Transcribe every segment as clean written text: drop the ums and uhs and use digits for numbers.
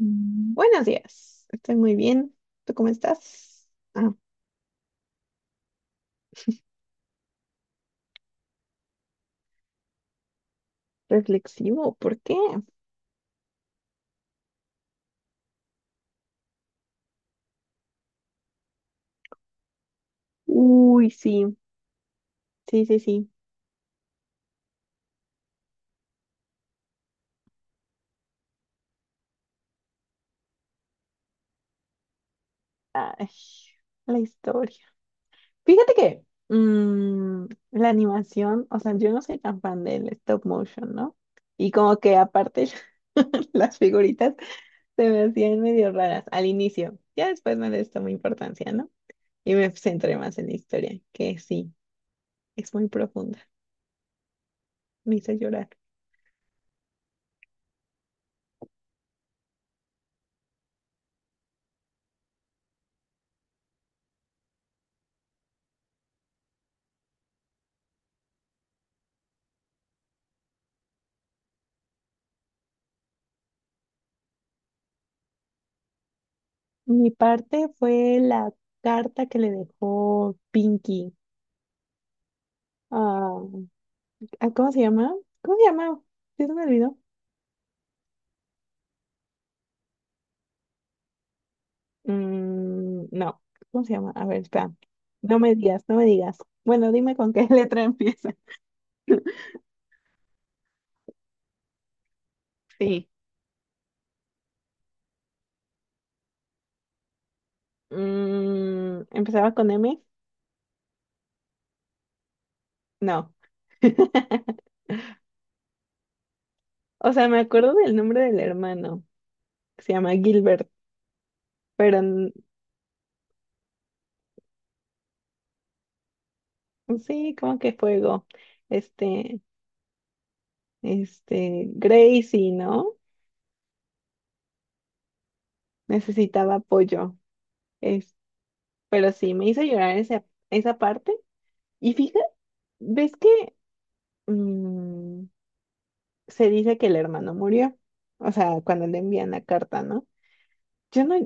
Buenos días, estoy muy bien. ¿Tú cómo estás? Ah, Reflexivo, ¿por qué? Uy, sí, sí, sí, sí. Ay, la historia. Fíjate que mm, la animación, o sea, yo no soy tan fan del stop motion, ¿no? Y como que aparte las figuritas se me hacían medio raras al inicio. Ya después no les tomé importancia, ¿no? Y me centré más en la historia, que sí, es muy profunda. Me hizo llorar. Mi parte fue la carta que le dejó Pinky a, a ¿cómo se llama? ¿Cómo se llama? ¿Sí se me olvidó? Mm, no, ¿cómo se llama? A ver, espera. No me digas, no me digas. Bueno, dime con qué letra empieza. Sí. Mm, ¿empezaba con M? No. O sea, me acuerdo del nombre del hermano, que se llama Gilbert, pero sí, como que fuego. Este, este, Gracie, ¿no? Necesitaba apoyo. Es, pero sí, me hizo llorar esa, esa parte. Y fíjate, ¿ves que mm, se dice que el hermano murió? O sea, cuando le envían la carta, ¿no? Yo no,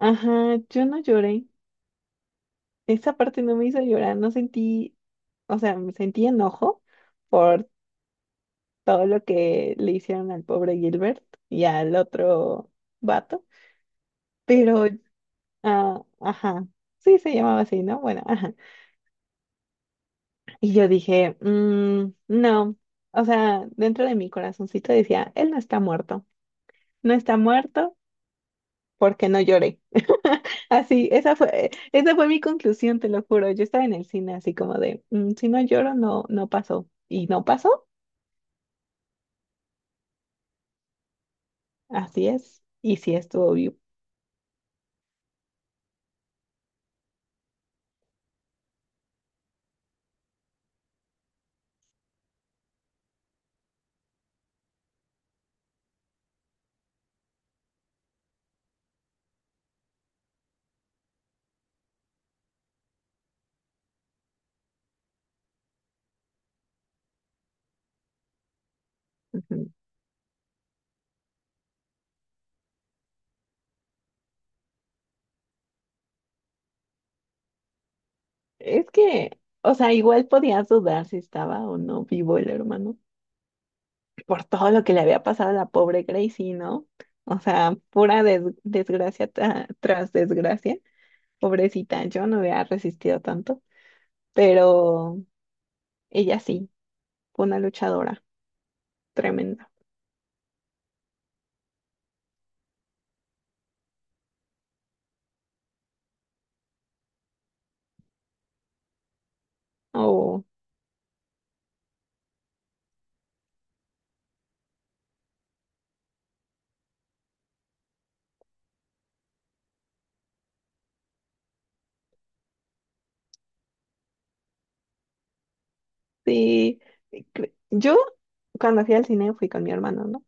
ajá, yo no lloré. Esa parte no me hizo llorar, no sentí, o sea, me sentí enojo por todo lo que le hicieron al pobre Gilbert y al otro vato, pero, ah, ajá, sí se llamaba así, ¿no? Bueno, ajá. Y yo dije, "Mm, no, o sea, dentro de mi corazoncito decía, él no está muerto, no está muerto porque no lloré". Así, esa fue mi conclusión, te lo juro. Yo estaba en el cine así como de, "Mm, si no lloro, no, no pasó". Y no pasó, así es, y sí estuvo vivo. Ujú. Es que, o sea, igual podías dudar si estaba o no vivo el hermano, por todo lo que le había pasado a la pobre Gracie, ¿no? O sea, pura desgracia tras desgracia. Pobrecita, yo no había resistido tanto, pero ella sí, fue una luchadora tremenda. Oh, sí. Yo, cuando fui al cine, fui con mi hermano, ¿no?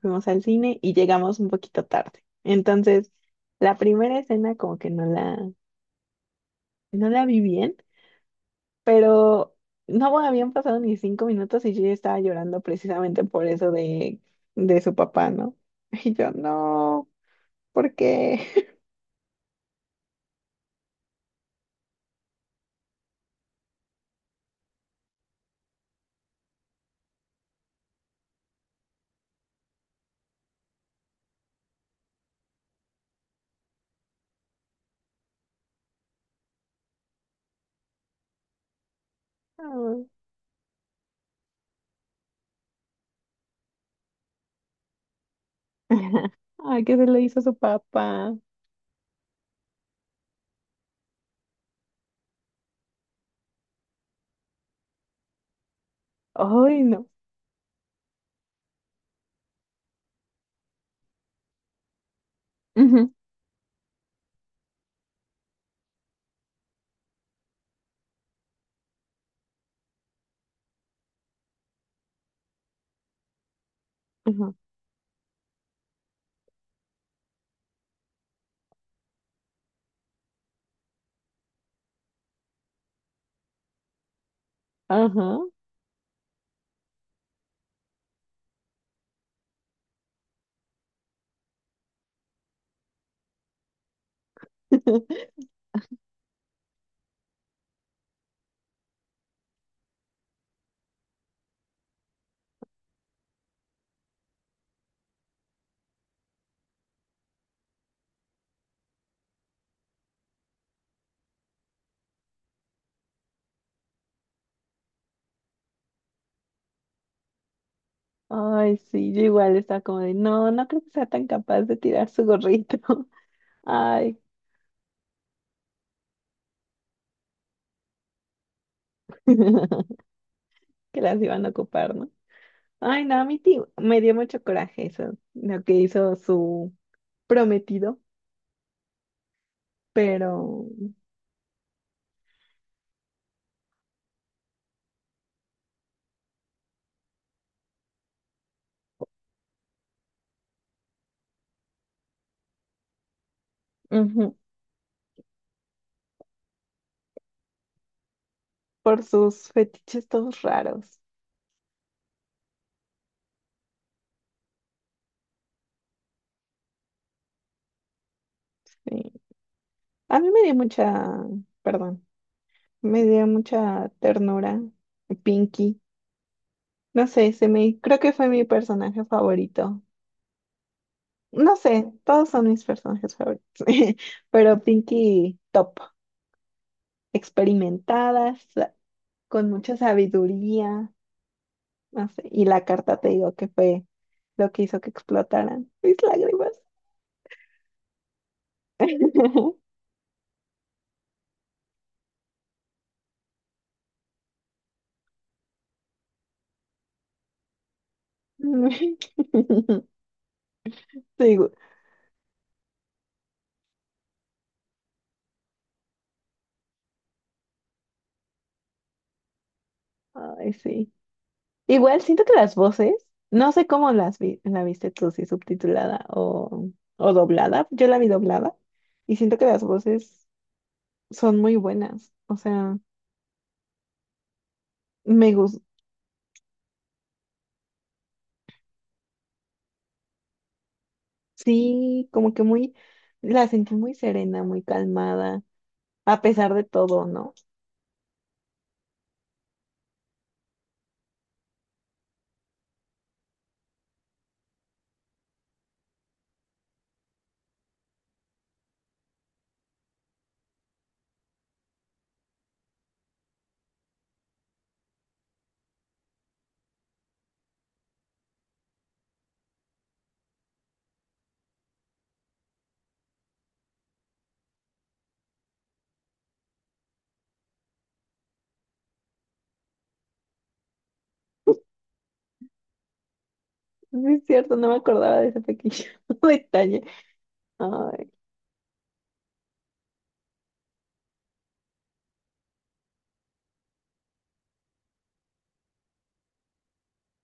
Fuimos al cine y llegamos un poquito tarde. Entonces, la primera escena como que no la, no la vi bien. Pero no, bueno, habían pasado ni 5 minutos y yo ya estaba llorando precisamente por eso de su papá, ¿no? Y yo, no, ¿por qué? Ay, ay, ¿qué se le hizo a su papá? Ay, no. Ujú, ujú. Ajá. Ay, sí, yo igual estaba como de, no, no creo que sea tan capaz de tirar su gorrito. Ay, que las iban a ocupar, ¿no? Ay, no, a mí sí me dio mucho coraje eso, lo que hizo su prometido. Pero ujú, por sus fetiches todos raros. Sí. A mí me dio mucha, perdón, me dio mucha ternura Pinky. No sé, se me, creo que fue mi personaje favorito. No sé, todos son mis personajes favoritos, pero Pinky top, experimentada, con mucha sabiduría, no sé, y la carta te digo que fue lo que hizo que explotaran mis lágrimas. Sí. Ay, sí. Igual siento que las voces, no sé cómo las vi, la viste tú, si subtitulada o doblada. Yo la vi doblada y siento que las voces son muy buenas. O sea, me gustó. Sí, como que muy, la sentí muy serena, muy calmada, a pesar de todo, ¿no? Sí, es cierto, no me acordaba de ese pequeño detalle. Ay,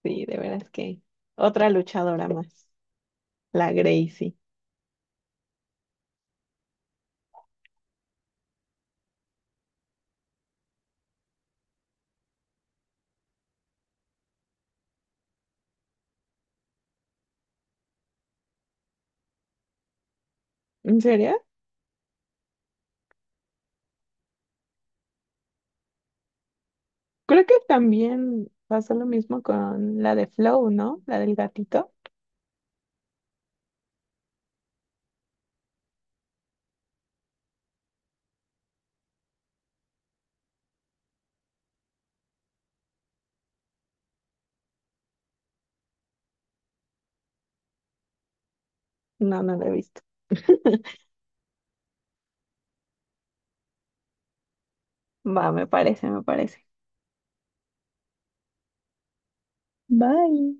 sí, de veras que otra luchadora más, la Gracie. ¿En serio? Creo que también pasó lo mismo con la de Flow, ¿no? La del gatito. No, no la he visto. Va, me parece, me parece. Bye.